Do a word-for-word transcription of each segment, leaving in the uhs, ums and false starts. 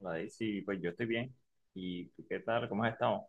Vale, sí, pues yo estoy bien. ¿Y tú qué tal? ¿Cómo has estado?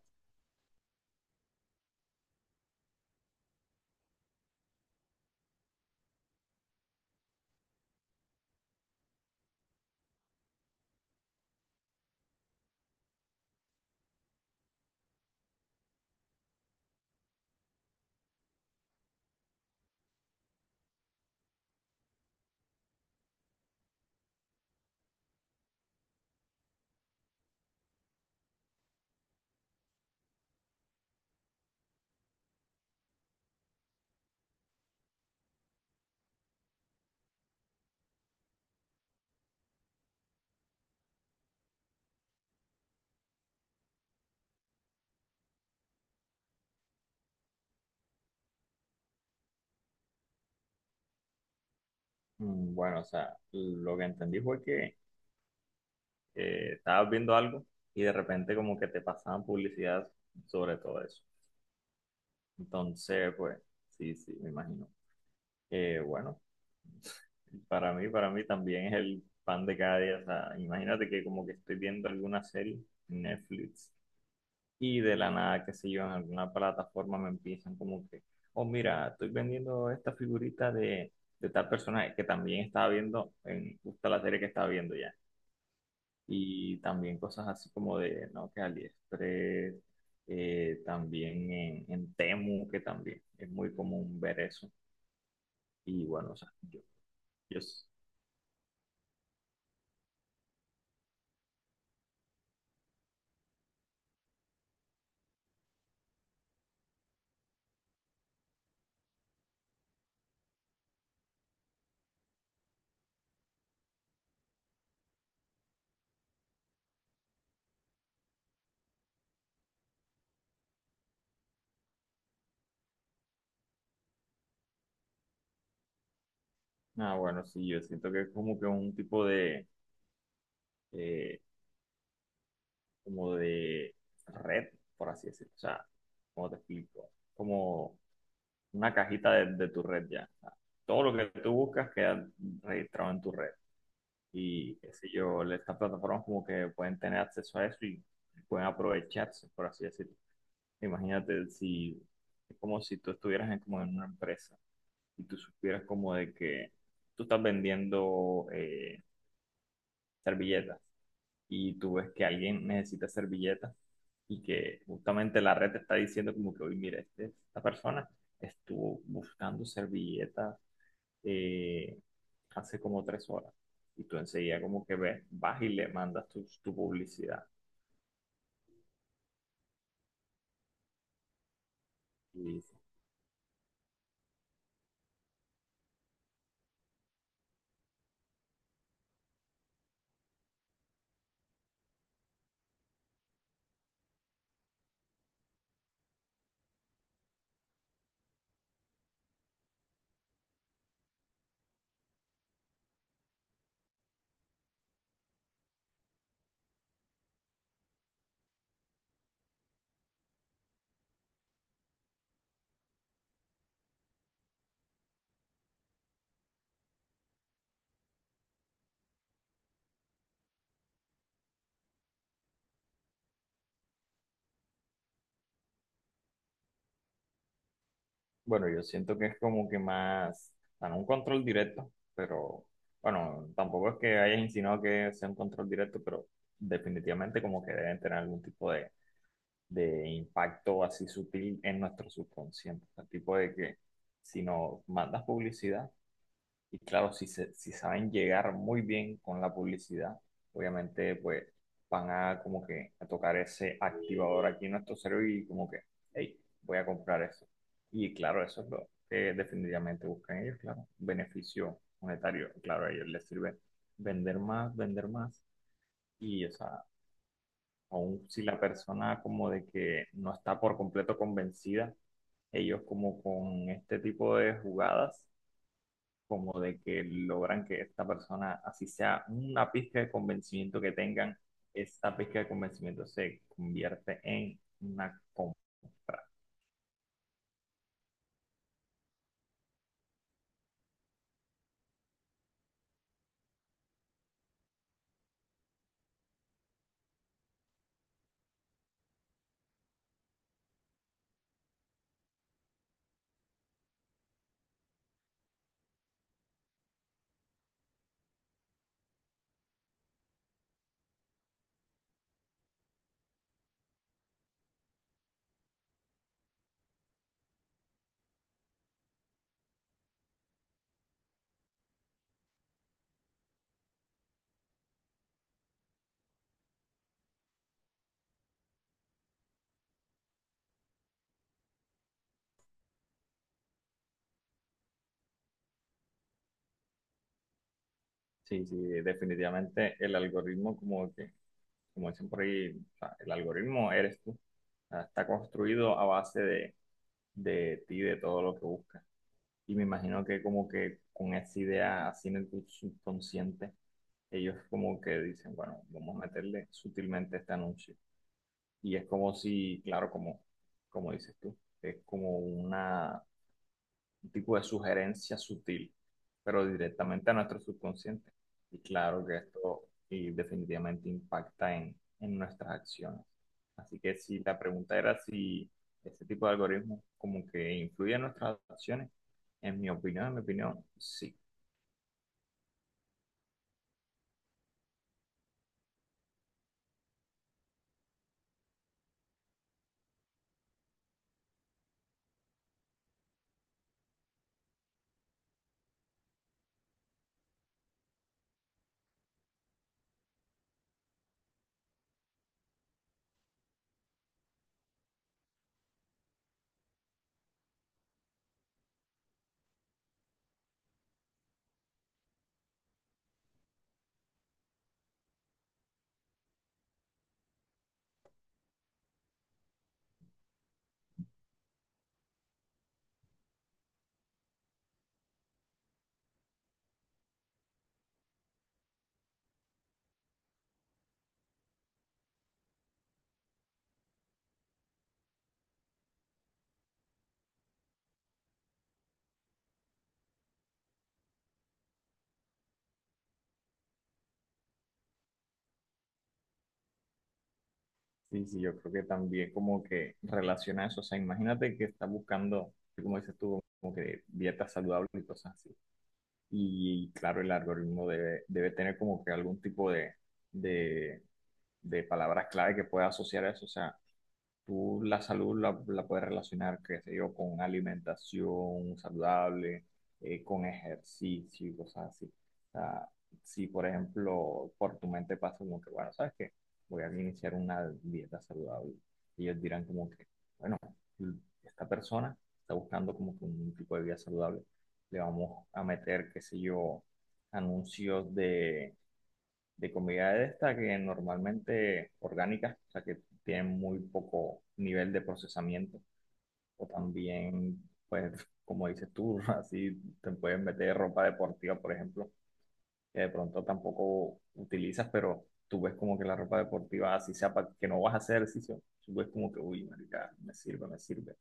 Mm, bueno, o sea, lo que entendí fue que eh, estabas viendo algo y de repente como que te pasaban publicidad sobre todo eso. Entonces, pues, sí, sí, me imagino. Eh, bueno, para mí, para mí también es el pan de cada día. O sea, imagínate que como que estoy viendo alguna serie en Netflix. Y de la nada, qué sé yo, en alguna plataforma me empiezan como que, oh, mira, estoy vendiendo esta figurita de, de tal personaje que también estaba viendo en justo la serie que estaba viendo ya. Y también cosas así como de, ¿no? Que AliExpress, eh, también en, en Temu, que también es muy común ver eso. Y bueno, o sea, yo, yo, s- ah, bueno, sí, yo siento que es como que un tipo de, eh, como de red, por así decirlo. O sea, ¿cómo te explico? Como una cajita de, de tu red ya. O sea, todo lo que tú buscas queda registrado en tu red. Y qué sé yo, estas plataformas como que pueden tener acceso a eso y pueden aprovecharse, por así decirlo. Imagínate si es como si tú estuvieras en, como en una empresa y tú supieras como de que tú estás vendiendo eh, servilletas, y tú ves que alguien necesita servilletas y que justamente la red te está diciendo como que, oye, mira, este- esta persona estuvo buscando servilletas eh, hace como tres horas y tú enseguida como que ves, vas y le mandas tu, tu publicidad. Y bueno, yo siento que es como que más, dan un control directo, pero bueno, tampoco es que hayas insinuado que sea un control directo, pero definitivamente como que deben tener algún tipo de de impacto así sutil en nuestro subconsciente. El tipo de que si nos mandas publicidad, y claro, si, se- si saben llegar muy bien con la publicidad, obviamente pues van a como que a tocar ese activador aquí en nuestro cerebro y como que, hey, voy a comprar eso. Y claro, eso es lo que definitivamente buscan ellos, claro, beneficio monetario. Claro, a ellos les sirve vender más, vender más. Y, o sea, aún si la persona como de que no está por completo convencida, ellos como con este tipo de jugadas, como de que logran que esta persona, así sea una pizca de convencimiento que tengan, esta pizca de convencimiento se convierte en una compra. Sí, sí, definitivamente el algoritmo como que, como dicen por ahí, o sea, el algoritmo eres tú. O sea, está construido a base de, de ti, de todo lo que buscas. Y me imagino que como que con esa idea así en el subconsciente, ellos como que dicen, bueno, vamos a meterle sutilmente este anuncio. Y es como si, claro, como, como dices tú, es como una un tipo de sugerencia sutil, pero directamente a nuestro subconsciente. Y claro que esto y definitivamente impacta en, en nuestras acciones. Así que si la pregunta era si este tipo de algoritmos como que influye en nuestras acciones, en mi opinión, en mi opinión, sí. Sí, sí, yo creo que también como que relaciona eso. O sea, imagínate que estás buscando, como dices tú, como que dietas saludables y cosas así. Y claro, el algoritmo debe, debe tener como que algún tipo de, de de palabras clave que pueda asociar eso. O sea, tú la salud la, la puedes relacionar, qué sé yo, con alimentación saludable, eh, con ejercicio y cosas así. O sea, si por ejemplo por tu mente pasa como que, bueno, ¿sabes qué? Voy a iniciar una dieta saludable. Y ellos dirán como que, bueno, esta persona está buscando como que un tipo de vida saludable. Le vamos a meter, qué sé yo, anuncios de de comida de esta que normalmente orgánicas, o sea que tienen muy poco nivel de procesamiento. O también, pues, como dices tú, así te pueden meter ropa deportiva, por ejemplo, que de pronto tampoco utilizas, pero tú ves como que la ropa deportiva, así sea para que no vas a hacer ejercicio, tú ves como que, uy, marica, me sirve, me sirve.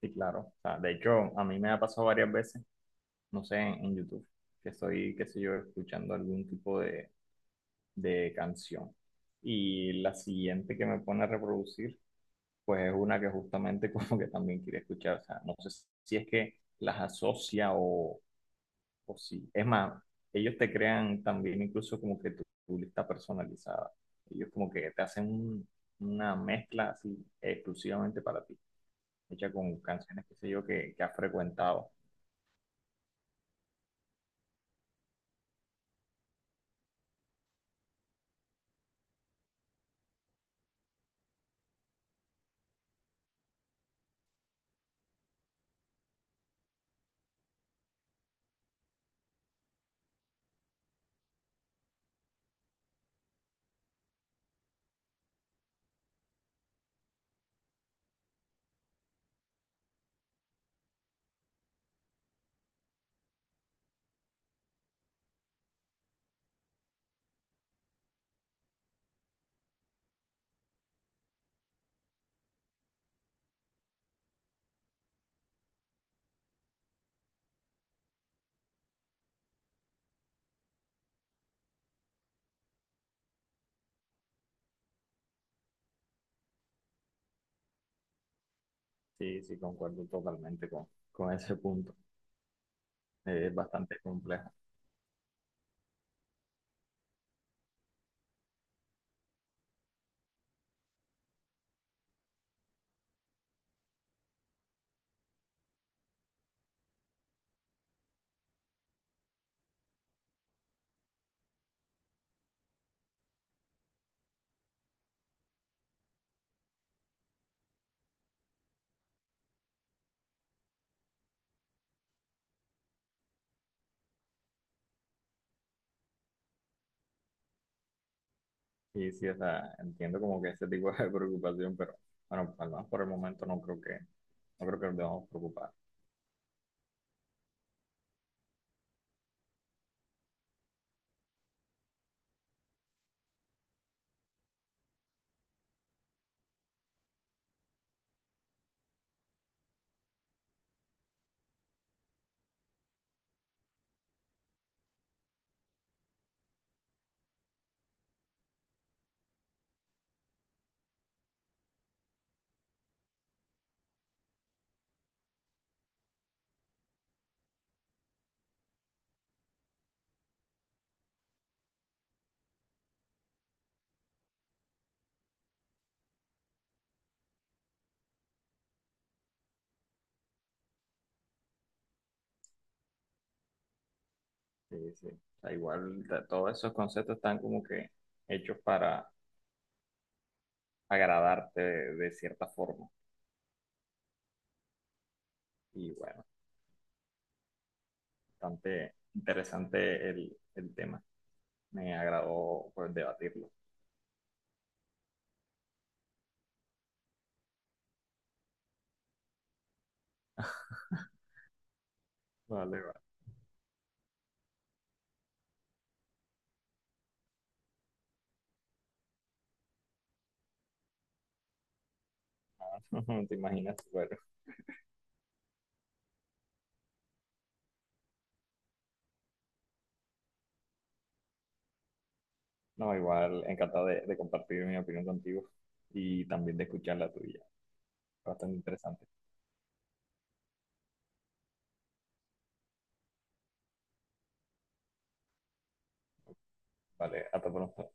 Sí, claro. O sea, de hecho, a mí me ha pasado varias veces, no sé, en, en YouTube, que estoy, qué sé yo, escuchando algún tipo de, de canción. Y la siguiente que me pone a reproducir, pues es una que justamente como que también quería escuchar. O sea, no sé si es que las asocia o, o sí. Es más, ellos te crean también incluso como que tu, tu lista personalizada. Ellos como que te hacen un- una mezcla así exclusivamente para ti, hecha con canciones, qué sé yo, que, que has frecuentado. Sí, sí, concuerdo totalmente con, con ese punto. Eh, Es bastante compleja. Y sí, o sea, entiendo como que ese tipo de preocupación, pero bueno, al menos por el momento no creo que, no creo que nos debamos preocupar. Sí, sí. O sea, igual ta- todos esos conceptos están como que hechos para agradarte de, de cierta forma. Y bueno, bastante interesante el, el tema. Me agradó pues, debatirlo. Vale, vale. ¿Te imaginas? Bueno, no, igual encantado de, de compartir mi opinión contigo y también de escuchar la tuya. Bastante interesante. Vale, hasta pronto.